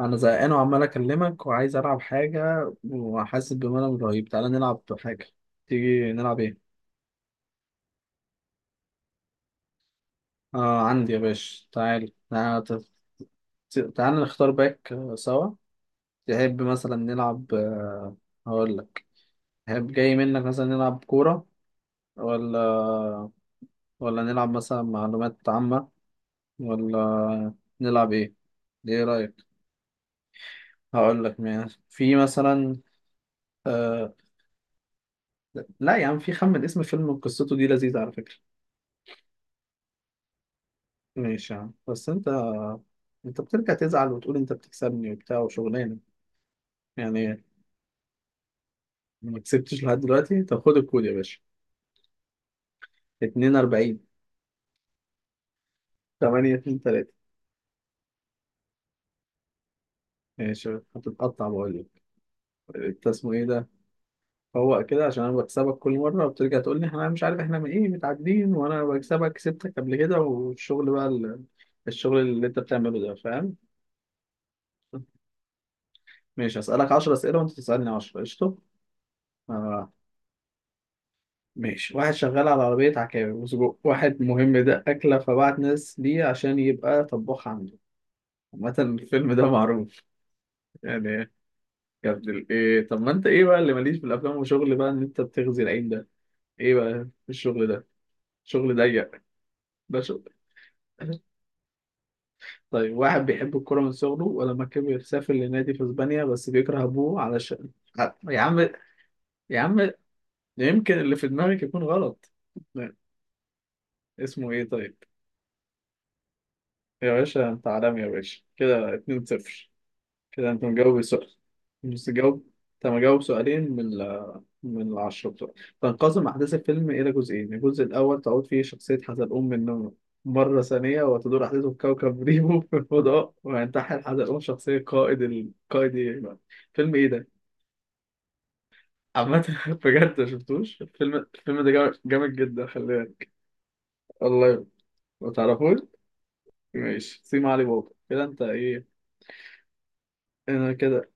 انا زهقان وعمال اكلمك وعايز العب حاجه وحاسس بملل رهيب. تعالى نلعب حاجه. تيجي نلعب ايه؟ آه عندي يا باشا، تعال تعال. تعال نختار باك سوا. تحب مثلا نلعب هقول لك. تحب جاي منك مثلا نلعب كوره، ولا ولا نلعب مثلا معلومات عامه، ولا نلعب ايه؟ ايه رايك؟ هقول لك ماشي، في مثلا آه... لا يا عم، في خمن اسم فيلم قصته دي لذيذه على فكره. ماشي يا عم، بس انت انت بترجع تزعل وتقول انت بتكسبني وبتاع وشغلانه. يعني ما كسبتش لحد دلوقتي؟ طب خد الكود يا باشا، 42 8 2 3. ماشي. هتتقطع بقول لك. انت اسمه ايه ده؟ فوق كده، عشان انا بكسبك كل مره وبترجع تقول لي احنا مش عارف احنا من ايه متعادلين، وانا بكسبك، كسبتك قبل كده، والشغل بقى الشغل اللي انت بتعمله ده، فاهم؟ ماشي هسألك 10 اسئله وانت تسألني 10، قشطه. آه، ماشي. واحد شغال على عربية عكاوي وسجق، واحد مهم، ده أكلة، فبعت ناس ليه عشان يبقى طباخ عنده. عامة الفيلم ده معروف يعني. إيه؟ طب ما أنت إيه بقى اللي ماليش في الأفلام وشغل بقى إن أنت بتغذي العين ده؟ إيه بقى الشغل ده؟ شغل ضيق. ده شغل. طيب، واحد بيحب الكورة من صغره، ولما كبر سافر لنادي في إسبانيا، بس بيكره أبوه علشان يا عم، يا عم، يمكن اللي في دماغك يكون غلط. اسمه إيه طيب؟ يا باشا أنت عالمي يا باشا، كده 2-0. كده انت مجاوب سؤال. بس تجاوب، انت مجاوب سؤالين من من العشرة بتوع. تنقسم أحداث الفيلم إلى جزئين، الجزء الأول تعود فيه شخصية حزلقوم من النوم مرة ثانية، وتدور أحداثه في كوكب ريمو في الفضاء، وينتحل حزلقوم شخصية قائد، القائد إيه؟ فيلم إيه ده؟ عامة بجد ما شفتوش الفيلم، الفيلم ده جامد جامد جدا، خلي بالك. الله يرحمه. ما تعرفوش؟ ماشي، سيما علي بابا كده أنت إيه؟ أنا كده.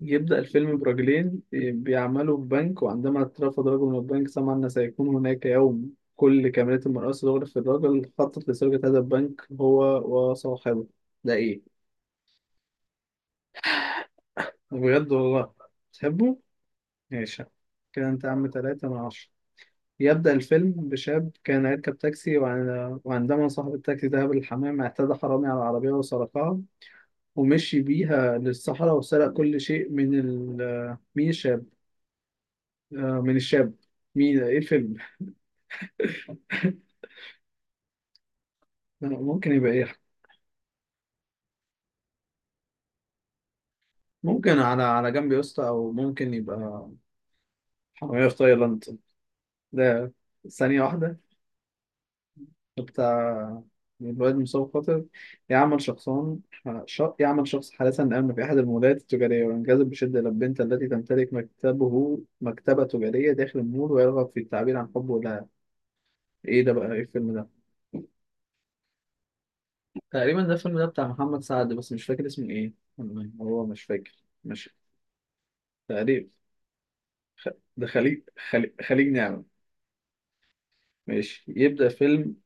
يبدأ الفيلم برجلين بيعملوا في بنك، وعندما اترفض رجل من البنك، سمع أن سيكون هناك يوم كل كاميرات المرأة تغرف في الرجل، خطط لسرقة هذا البنك هو وصاحبه. ده إيه؟ بجد والله؟ تحبه؟ ماشي. كده أنت عم تلاتة من عشرة. يبدأ الفيلم بشاب كان يركب تاكسي، وعندما صاحب التاكسي ذهب للحمام، اعتدى حرامي على العربية وسرقها ومشي بيها للصحراء، وسرق كل شيء من الشاب، من الشاب. مين ايه الفيلم؟ ممكن يبقى ايه؟ ممكن على على جنب يا اسطى، او ممكن يبقى حرامية في تايلاند. ده ثانية واحدة. بتاع الواد مصاب خاطر، يعمل شخصان، يعمل شخص حالة آمنة في أحد المولات التجارية، وينجذب بشدة إلى البنت التي تمتلك مكتبة تجارية داخل المول، ويرغب في التعبير عن حبه لها. إيه ده بقى؟ إيه الفيلم ده؟ تقريبا ده الفيلم ده بتاع محمد سعد، بس مش فاكر اسمه إيه. والله هو مش فاكر، مش تقريبا. خ- ده خليج، خليج، خليج نعمة. ماشي يبدأ فيلم.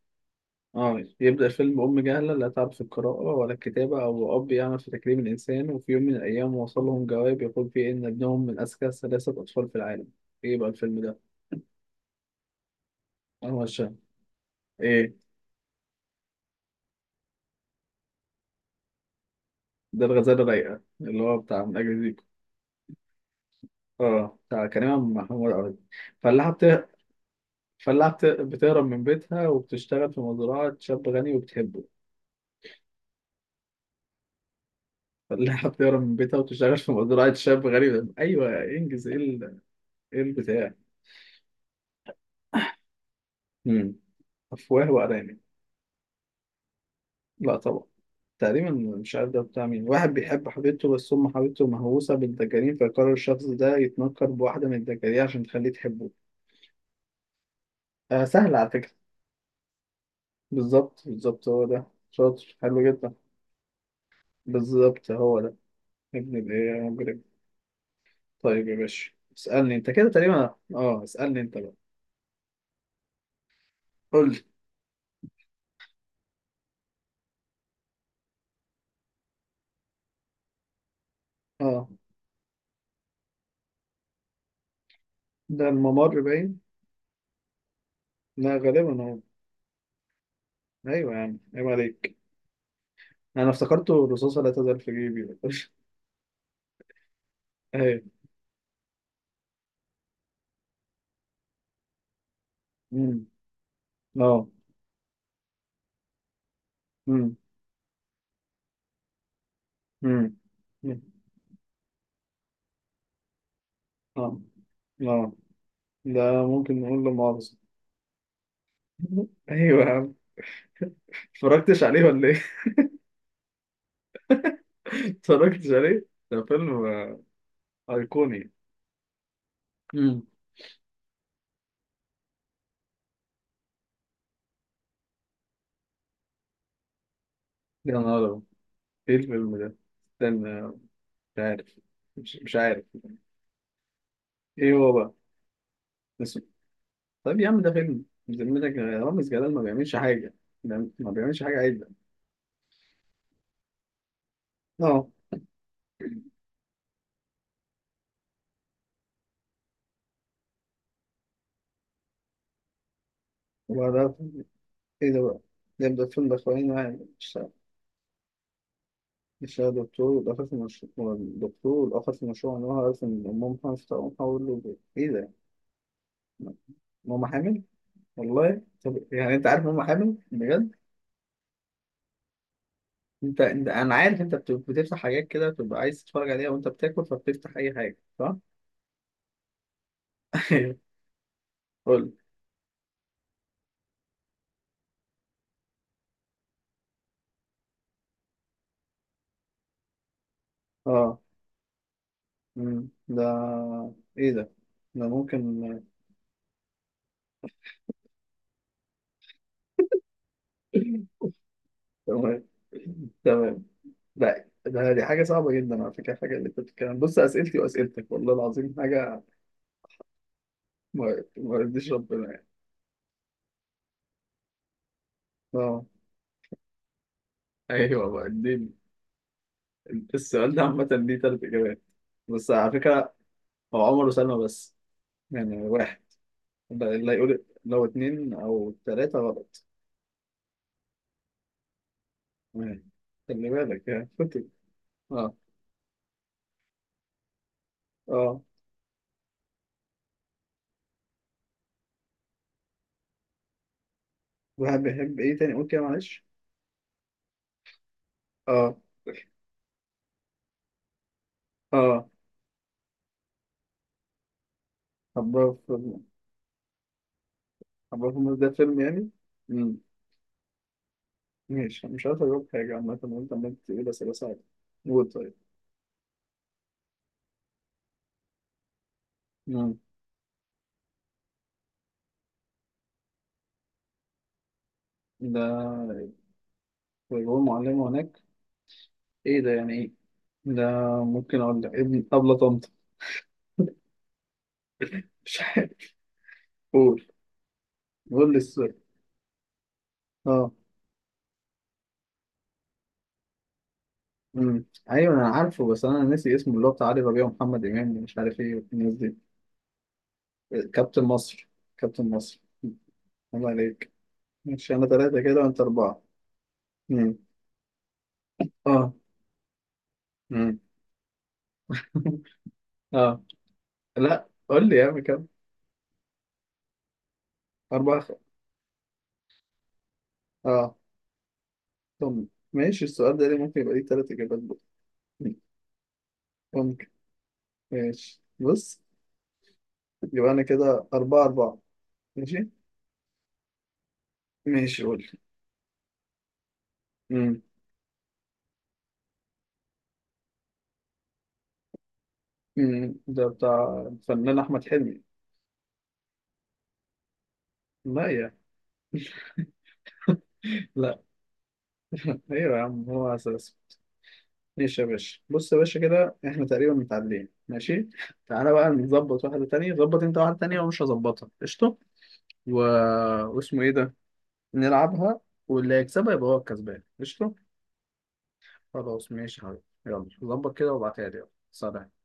اه، يبدأ فيلم أم جهلة لا تعرف القراءة ولا الكتابة، أو أب يعمل في تكريم الإنسان، وفي يوم من الأيام وصل لهم جواب يقول فيه إن ابنهم من أذكى ثلاثة أطفال في العالم. إيه بقى الفيلم ده؟ أنور الشام. إيه؟ ده الغزالة الرايقة اللي هو بتاع من أجل زيكو. اه بتاع كريم عبد محمود عوض. فلاحة بت... بتهرب من بيتها وبتشتغل في مزرعة شاب غني وبتحبه. فلاحة بتهرب من بيتها وبتشتغل في مزرعة شاب غني، أيوه إنجز إيه إيه البتاع؟ مم. أفواه وأرانب. لا طبعا. تقريبا مش عارف ده بتاع مين. واحد بيحب حبيبته، بس أم حبيبته مهووسة بالدجالين، فيقرر الشخص ده يتنكر بواحدة من الدجالين عشان تخليه تحبه. آه سهل على فكرة. بالظبط بالظبط هو ده، شاطر، حلو جدا. بالظبط هو ده. ابن الإيه يا مجرم. طيب يا باشا، اسألني أنت كده، تقريبا أه اسألني أنت بقى. قول لي. أه، ده الممر باين. لا، غالبا هو. أيوه يا عم عيب عليك. أنا افتكرته الرصاصة لا تزال في جيبي. أيوه. أمم. أه. مم. مم. اه. اه. ده ممكن نقول له مؤاخذة. ايوه يا عم. اتفرجتش عليه ولا ايه؟ اتفرجتش عليه؟ ده فيلم ايقوني. مم. يا نهار أبيض. ايه الفيلم ده؟ استنى. مش عارف. مش عارف. ايه هو بقى؟ اسمه. طيب يا عم، ده فيلم بذمتك؟ يا رامز جلال ما بيعملش حاجة، ده ما بيعملش حاجة عدلة. اه. وبعدها. ايه ده بقى؟ ده ده فيلم ده خوانين واحد. يشتغل دكتور والآخر في مشروع، والدكتور والآخر في مشروع، إن هو عارف إن أمهم حامل، فأقوم أقول له إيه؟ إيه ده؟ ماما حامل؟ والله طب يعني أنت عارف ماما حامل؟ بجد؟ أنا عارف، أنت بتفتح حاجات كده بتبقى عايز تتفرج عليها وأنت بتاكل، فبتفتح أي حاجة، صح؟ قول. أه. أمم، ده إيه ده؟ ده ممكن. تمام. تمام. ده ده دي حاجة صعبة جدا على فكرة، الحاجة اللي أنت بتتكلم، بص أسئلتي وأسئلتك والله العظيم حاجة ما يرضيش ربنا يعني. أه. ايوه بقى دي. السؤال ده عامة ليه تلات اجابات، بس على فكرة. هو عمر وسلمى بس، يعني واحد. ده اللي هيقول لو اتنين او تلاتة غلط. يعني خلي بالك يعني، فكر. اه. اه. واحد بيحب ايه تاني؟ قول كده معلش. اه. اه حباه في، حباه في الناس، ده فيلم يعني؟ امم. ماشي، أنا مش عارف اجاوب حاجة عامة وانت عمال تقول اسئلة صعبة. قول طيب. امم. ده ويقول معلمة هناك. ايه ده؟ يعني ايه ده؟ ممكن اقول لك ابن ابلة طنط. مش عارف. قول. قول لي السؤال. اه. امم. ايوه انا عارفه، بس انا ناسي اسمه، اللي هو بتاع علي ربيع ومحمد امام، مش عارف ايه والناس دي. كابتن مصر. كابتن مصر. الله عليك. مش انا ثلاثه كده وانت اربعه؟ امم. اه. امم. اه. لا قول لي يا عم كام؟ اربعه اه. طب ماشي، السؤال ده ليه ممكن يبقى ليه ثلاث اجابات بقى. مم. ممكن. ماشي بص، يبقى انا كده اربعه اربعه. ماشي. ماشي قول لي. امم. امم، ده بتاع الفنان احمد حلمي. لا. لا. ايوه يا عم هو اساس. ماشي يا باشا، بص يا باشا، كده احنا تقريبا متعادلين، ماشي. تعالى بقى نظبط واحده تانية، ظبط انت واحده تانية ومش هظبطها، قشطه. و... واسمه ايه ده؟ نلعبها، واللي هيكسبها يبقى هو الكسبان، قشطه. خلاص ماشي يا حبيبي، يلا ظبط كده وابعتها لي، يلا سلام.